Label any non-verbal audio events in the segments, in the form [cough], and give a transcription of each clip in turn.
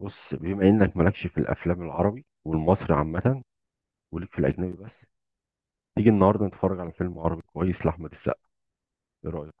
بص، بما انك مالكش في الافلام العربي والمصري عامه، وليك في الاجنبي بس. تيجي النهارده نتفرج على فيلم عربي كويس لاحمد السقا؟ ايه رايك؟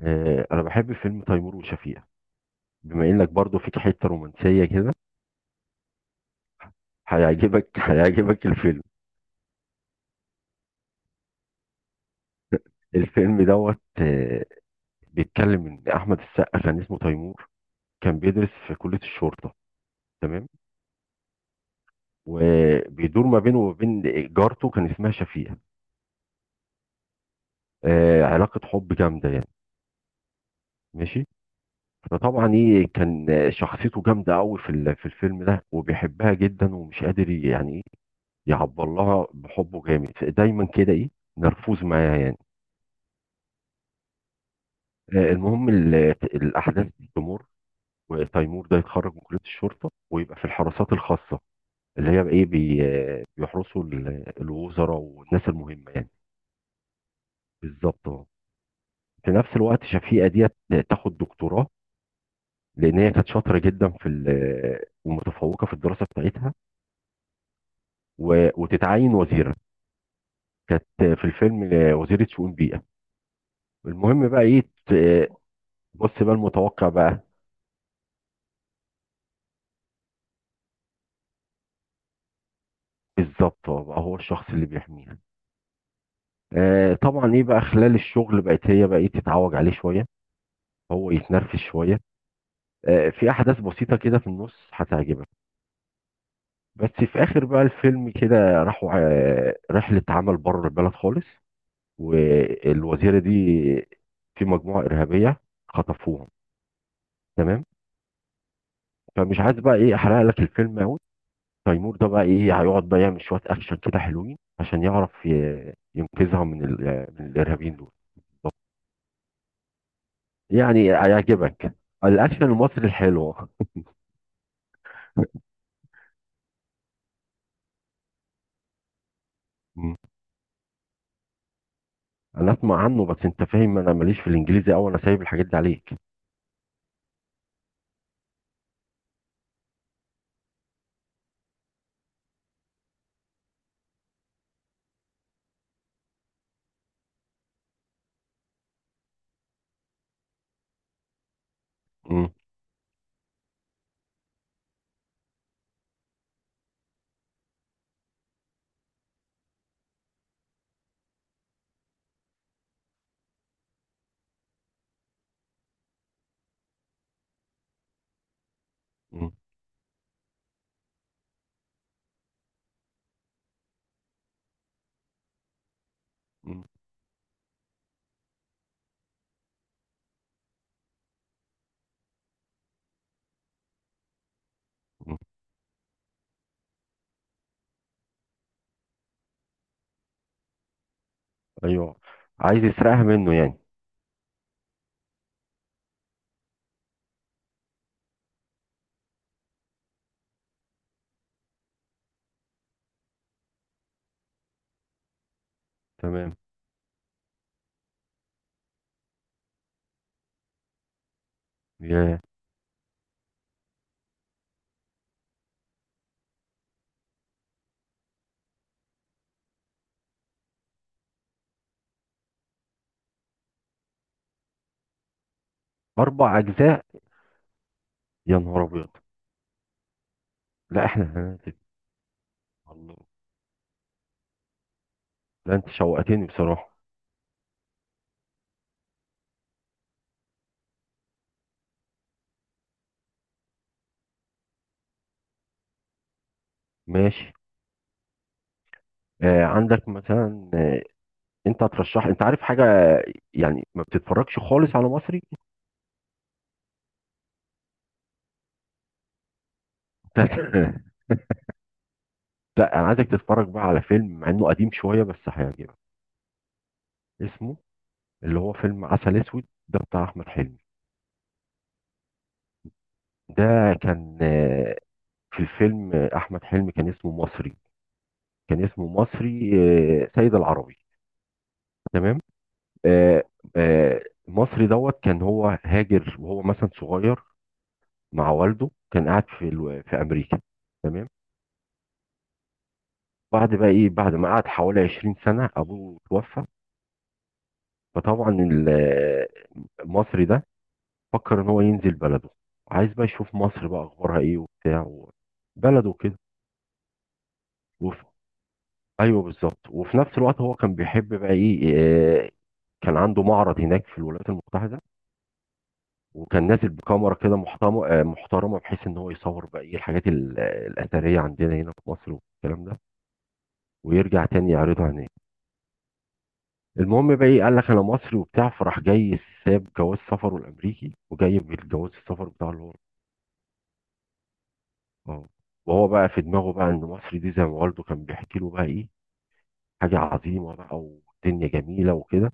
آه، انا بحب فيلم تيمور وشفيقة. بما انك برضو فيك حته رومانسيه كده، هيعجبك [laughs] هيعجبك الفيلم. الفيلم دوت بيتكلم ان احمد السقا كان اسمه تيمور. كان بيدرس في كليه الشرطه. تمام. وبيدور ما بينه وما بين جارته، كان اسمها شفيقة. آه، علاقه حب جامده يعني. ماشي. فطبعا ايه، كان شخصيته جامده قوي في الفيلم ده، وبيحبها جدا، ومش قادر يعني ايه، يعبر لها بحبه جامد. دايما كده، ايه نرفوز معاها يعني. المهم الاحداث تمر. وتيمور ده يتخرج من كليه الشرطه، ويبقى في الحراسات الخاصه، اللي هي بقى ايه بي آه، بيحرسوا الوزراء والناس المهمه يعني. بالظبط اه. في نفس الوقت شفيقه ديت تاخد دكتوراه، لان هي كانت شاطره جدا ومتفوقه في الدراسه بتاعتها. وتتعين وزيره. كانت في الفيلم وزيرة شؤون بيئة. المهم بقى ايه، ت- بص بقى المتوقع بقى. بالظبط، هو بقى هو الشخص اللي بيحميها. آه طبعا، ايه بقى خلال الشغل، بقت هي بقى ايه تتعوج عليه شوية، هو يتنرفز شوية. آه، في احداث بسيطة كده في النص هتعجبك. بس في اخر بقى الفيلم كده، راحوا رحلة عمل بره البلد خالص، والوزيرة دي في مجموعة إرهابية خطفوهم. تمام. فمش عايز بقى ايه احرق لك الفيلم قوي، تيمور ده بقى ايه هيقعد بقى يعمل شويه اكشن كده حلوين، عشان يعرف ينقذها من الارهابيين دول. يعني هيعجبك الاكشن المصري الحلو. [laughs] مم. انا اسمع عنه، بس انت فاهم انا ماليش في الانجليزي قوي. انا سايب الحاجات دي عليك. مم. مم. مم. مم. ايوه. عايز يسرقها منه يعني. تمام. يا اربع اجزاء؟ يا نهار ابيض! لا، احنا هننزل. الله. لا انت شوقتني بصراحه. ماشي. آه، عندك مثلا؟ انت هترشح؟ انت عارف حاجه؟ يعني ما بتتفرجش خالص على مصري؟ [laughs] انت، لا انا عايزك تتفرج بقى على فيلم مع انه قديم شويه، بس هيعجبك. اسمه، اللي هو فيلم عسل اسود ده بتاع احمد حلمي. ده كان في الفيلم احمد حلمي كان اسمه مصري سيد العربي. تمام. آه، مصري دوت كان هو هاجر وهو مثلا صغير، مع والده. كان قاعد في امريكا. تمام. بعد بقى ايه، بعد ما قعد حوالي 20 سنه ابوه توفى. فطبعا المصري ده فكر ان هو ينزل بلده. عايز بقى يشوف مصر بقى اخبارها ايه وبتاع، بلده كده. وف... ايوه، بالظبط. وفي نفس الوقت هو كان بيحب بقى ايه آه، كان عنده معرض هناك في الولايات المتحده. وكان نازل بكاميرا كده محترمه بحيث ان هو يصور بقى ايه الحاجات الاثريه عندنا هنا في مصر والكلام ده. ويرجع تاني يعرضها هناك. المهم بقى ايه، قال لك انا مصري وبتاع، فراح جاي. ساب جواز سفره الامريكي، وجايب الجواز السفر بتاعه اللي هو اه. وهو بقى في دماغه بقى ان مصر دي زي ما والده كان بيحكي له بقى ايه، حاجه عظيمه بقى، والدنيا جميله وكده.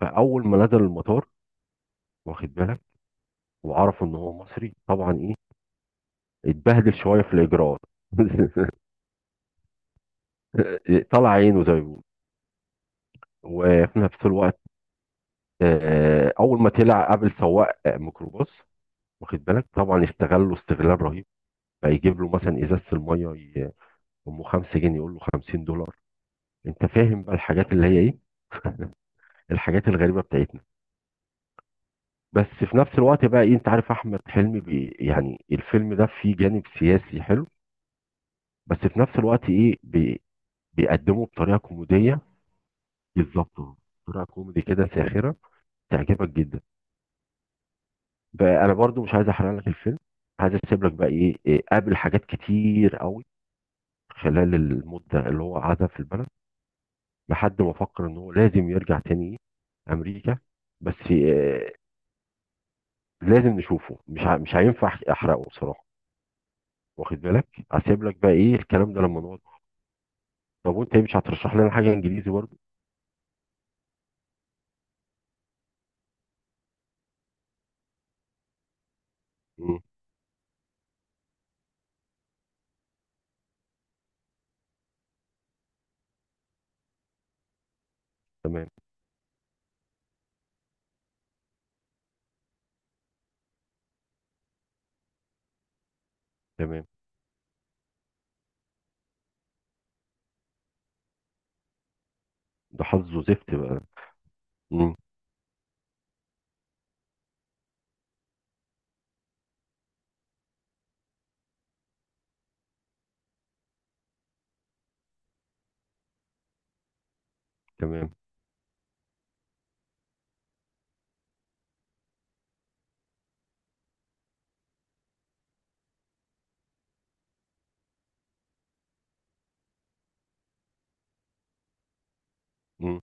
فاول ما نزل المطار، واخد بالك، وعرفوا ان هو مصري، طبعا ايه اتبهدل شويه في الاجراءات. [laughs] طلع عينه زي ما بيقولوا. وفي نفس الوقت اول ما طلع قابل سواق ميكروباص، واخد بالك، طبعا استغله استغلال رهيب. فيجيب له مثلا ازازه الميه، ي- امه 5 جنيه، يقول له $50. انت فاهم بقى الحاجات اللي هي ايه. [laughs] الحاجات الغريبه بتاعتنا. بس في نفس الوقت بقى ايه، انت عارف احمد حلمي يعني، الفيلم ده فيه جانب سياسي حلو. بس في نفس الوقت ايه بي بيقدمه بطريقه كوميديه. بالظبط اهو. بطريقه كوميدي كده ساخره، تعجبك جدا. فانا برضو مش عايز احرق لك الفيلم. عايز اسيب لك بقى ايه إيه، قابل حاجات كتير قوي خلال المده اللي هو قعدها في البلد. لحد ما فكر ان هو لازم يرجع تاني امريكا. بس لازم نشوفه، مش هينفع احرقه بصراحه، واخد بالك. هسيب لك بقى ايه الكلام ده لما نقعد. طب وانت، ايه؟ مش هترشح لنا حاجه انجليزي برضه؟ مم. مم. تمام. تمام. ده حظه زفت بقى. مم. تمام. مم.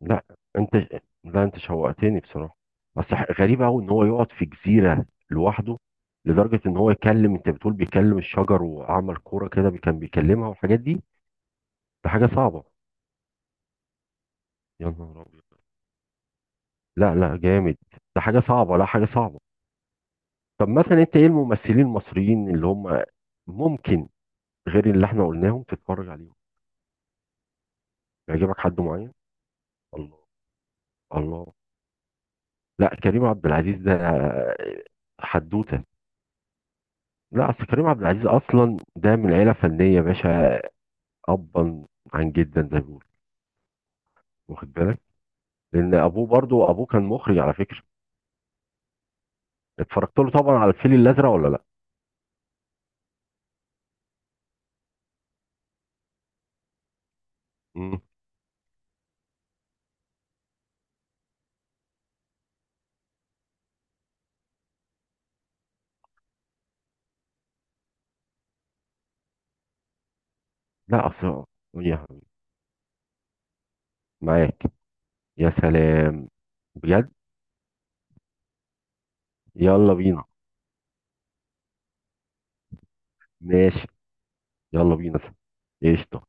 لا انت لا انت شوقتني بصراحه. غريب قوي ان هو يقعد في جزيره لوحده، لدرجه ان هو يكلم، انت بتقول بيكلم الشجر وعمل كوره كده كان بيكلمها، والحاجات دي. ده حاجه صعبه. يا نهار ابيض. لا لا، جامد. ده حاجه صعبه، لا حاجه صعبه. طب مثلا انت، ايه الممثلين المصريين اللي هم ممكن، غير اللي احنا قلناهم، تتفرج عليهم؟ يعجبك حد معين؟ الله. الله. لا، كريم عبد العزيز ده حدوته. لا اصل كريم عبد العزيز اصلا ده من عيله فنيه يا باشا. ابا عن جدا، زي ما بيقولوا، واخد بالك. لان ابوه، برضو ابوه كان مخرج على فكره. اتفرجت له طبعا على الفيل الازرق ولا لا؟ مم. لا اصل، يا حبيبي، معاك. يا سلام، بجد. يلا بينا. ماشي. يلا بينا. قشطه.